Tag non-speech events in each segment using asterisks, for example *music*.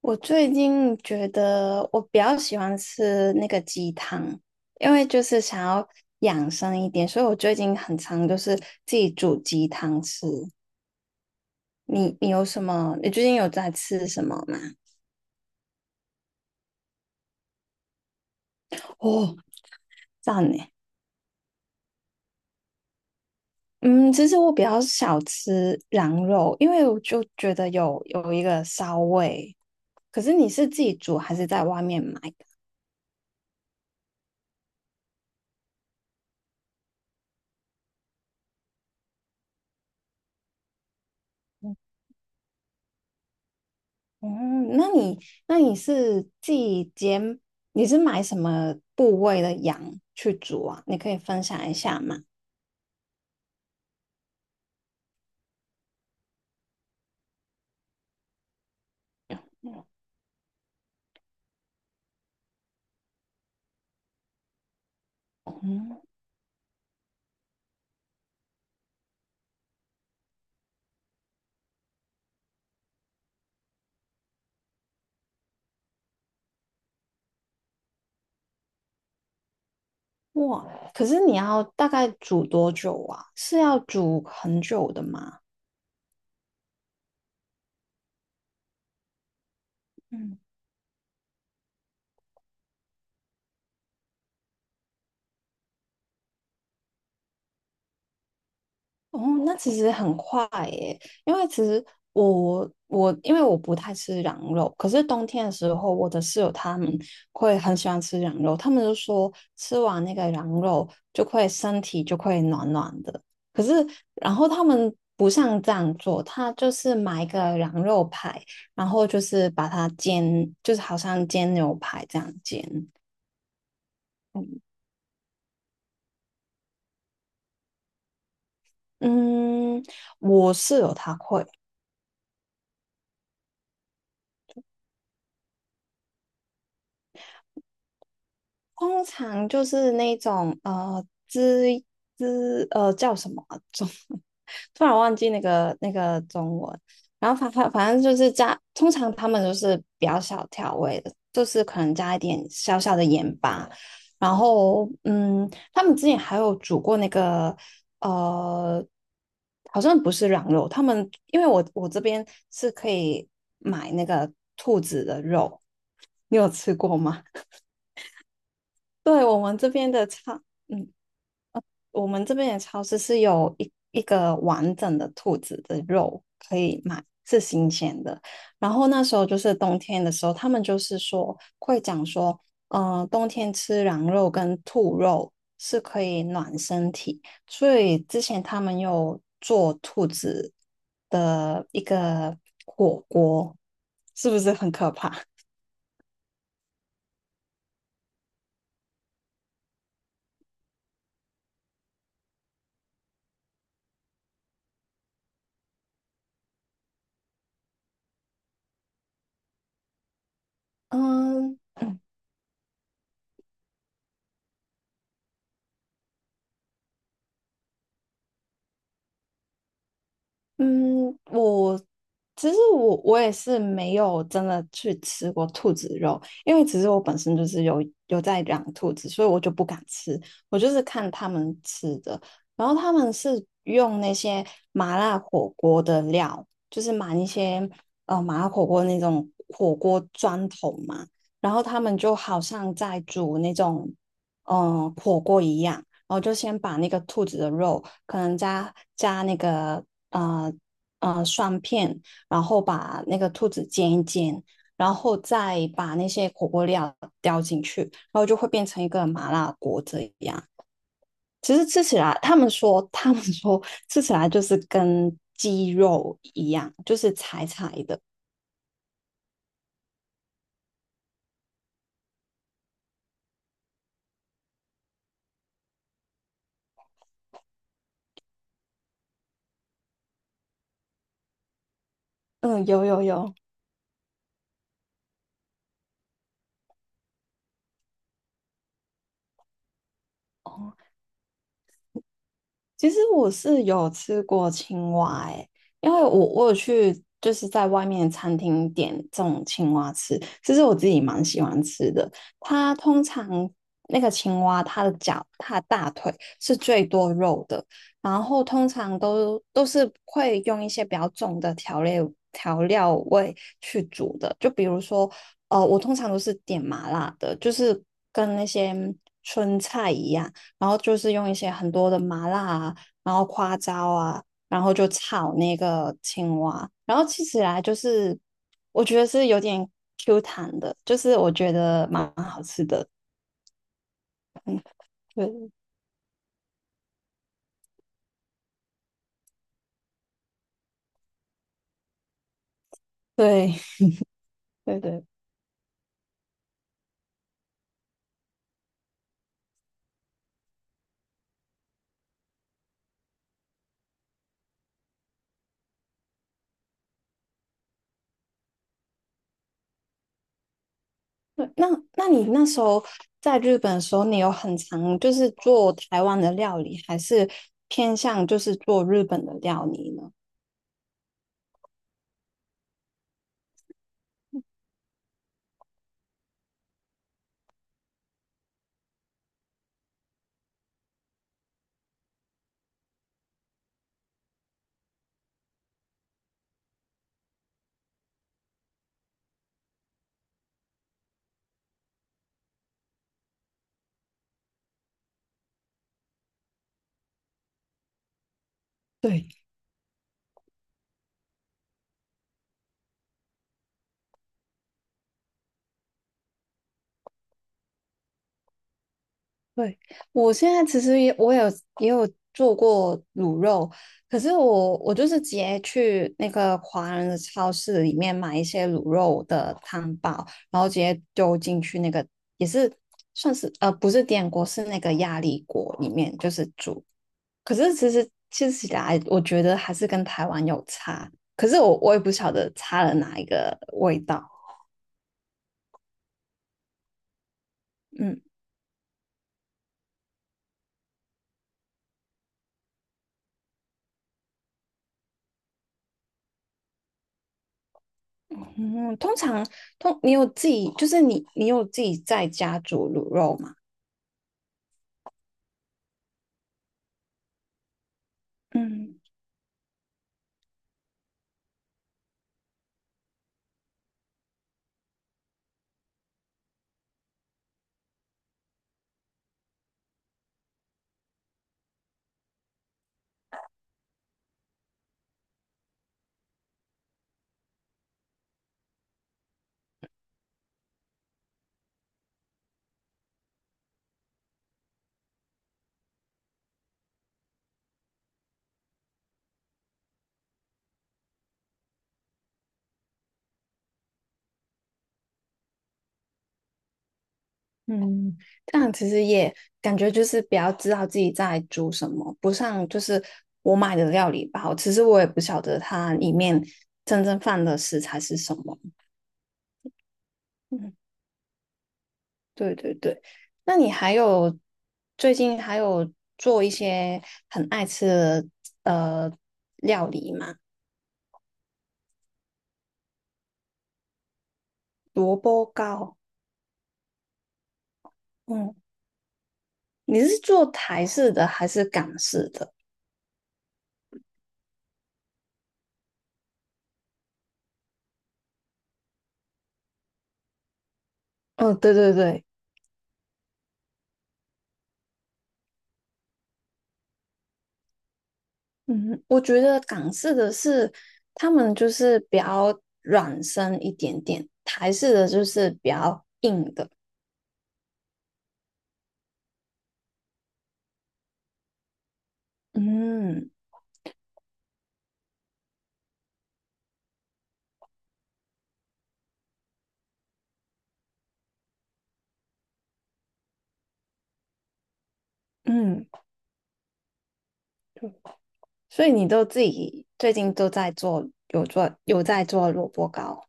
我最近觉得我比较喜欢吃那个鸡汤，因为就是想要养生一点，所以我最近很常就是自己煮鸡汤吃。你有什么？你最近有在吃什么吗？哦，赞呢。嗯，其实我比较少吃羊肉，因为我就觉得有一个骚味。可是你是自己煮还是在外面买？哦，那你那你是自己煎，你是买什么部位的羊去煮啊？你可以分享一下吗？嗯，哇，可是你要大概煮多久啊？是要煮很久的吗？嗯。哦，那其实很快耶，因为其实我因为我不太吃羊肉，可是冬天的时候，我的室友他们会很喜欢吃羊肉，他们就说吃完那个羊肉就会身体就会暖暖的。可是然后他们不像这样做，他就是买一个羊肉排，然后就是把它煎，就是好像煎牛排这样煎。嗯，我室友他会。通常就是那种滋滋叫什么啊中，*laughs* 突然忘记那个中文。然后反正就是加，通常他们都是比较小调味的，就是可能加一点小小的盐巴。然后嗯，他们之前还有煮过那个呃，好像不是羊肉，他们因为我这边是可以买那个兔子的肉，你有吃过吗？对，我们这边的超，嗯，我们这边的超市是有一个完整的兔子的肉可以买，是新鲜的。然后那时候就是冬天的时候，他们就是说会讲说，嗯，冬天吃羊肉跟兔肉是可以暖身体，所以之前他们有做兔子的一个火锅，是不是很可怕？嗯，嗯，我其实我也是没有真的去吃过兔子肉，因为其实我本身就是有在养兔子，所以我就不敢吃，我就是看他们吃的，然后他们是用那些麻辣火锅的料，就是买一些麻辣火锅那种火锅砖头嘛，然后他们就好像在煮那种火锅一样。然后就先把那个兔子的肉，可能加那个啊蒜片，然后把那个兔子煎一煎，然后再把那些火锅料丢进去，然后就会变成一个麻辣锅这样。其实吃起来，他们说吃起来就是跟鸡肉一样，就是柴柴的。嗯，有有有。其实我是有吃过青蛙诶、因为我有去就是在外面餐厅点这种青蛙吃，其实我自己蛮喜欢吃的。它通常那个青蛙，它的脚、它的大腿是最多肉的，然后通常都是会用一些比较重的调料味去煮的，就比如说，我通常都是点麻辣的，就是跟那些春菜一样。然后就是用一些很多的麻辣啊，然后花椒啊，然后就炒那个青蛙，然后吃起来就是我觉得是有点 Q 弹的，就是我觉得蛮好吃的。对对 *laughs* 对对对，那你那时候在日本的时候，你有很常就是做台湾的料理，还是偏向就是做日本的料理呢？对。对，我现在其实也有做过卤肉，可是我就是直接去那个华人的超市里面买一些卤肉的汤包，然后直接丢进去那个也是算是不是电锅，是那个压力锅里面就是煮。可是其实吃起来，我觉得还是跟台湾有差，可是我也不晓得差了哪一个味道。嗯。嗯，通常你有自己，就是你有自己在家煮卤肉吗？嗯嗯，这样其实也感觉就是比较知道自己在煮什么，不像就是我买的料理包，其实我也不晓得它里面真正放的食材是什么。嗯，对对对。那你最近还有做一些很爱吃的呃料理吗？萝卜糕。嗯。你是做台式的还是港式的？嗯，对对对，嗯，我觉得港式的是他们就是比较软身一点点，台式的就是比较硬的。嗯嗯，所以你都自己最近都在做，有在做萝卜糕，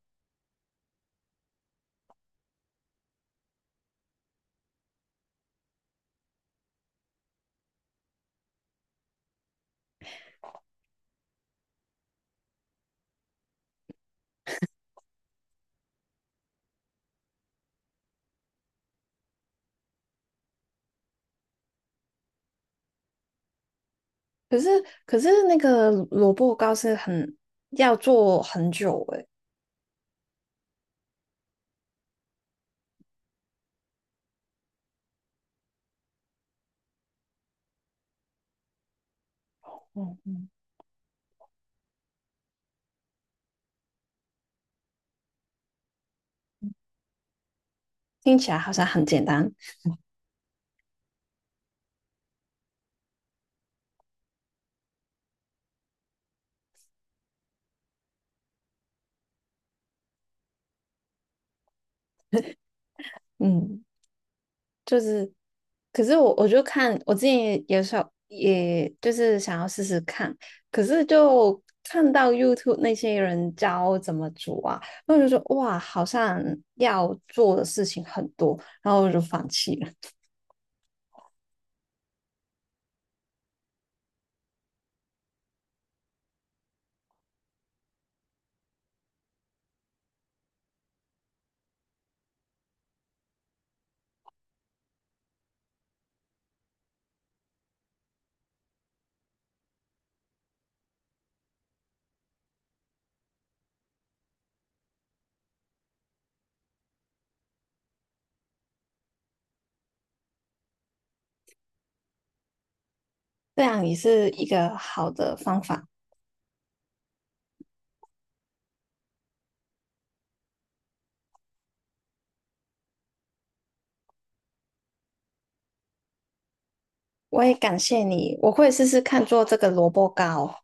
可是可是那个萝卜糕是很要做很久诶，嗯听起来好像很简单。嗯。就是，可是我就看我之前也想，也就是想要试试看，可是就看到 YouTube 那些人教怎么煮啊，然后就说哇，好像要做的事情很多，然后我就放弃了。这样也是一个好的方法，我也感谢你，我会试试看做这个萝卜糕。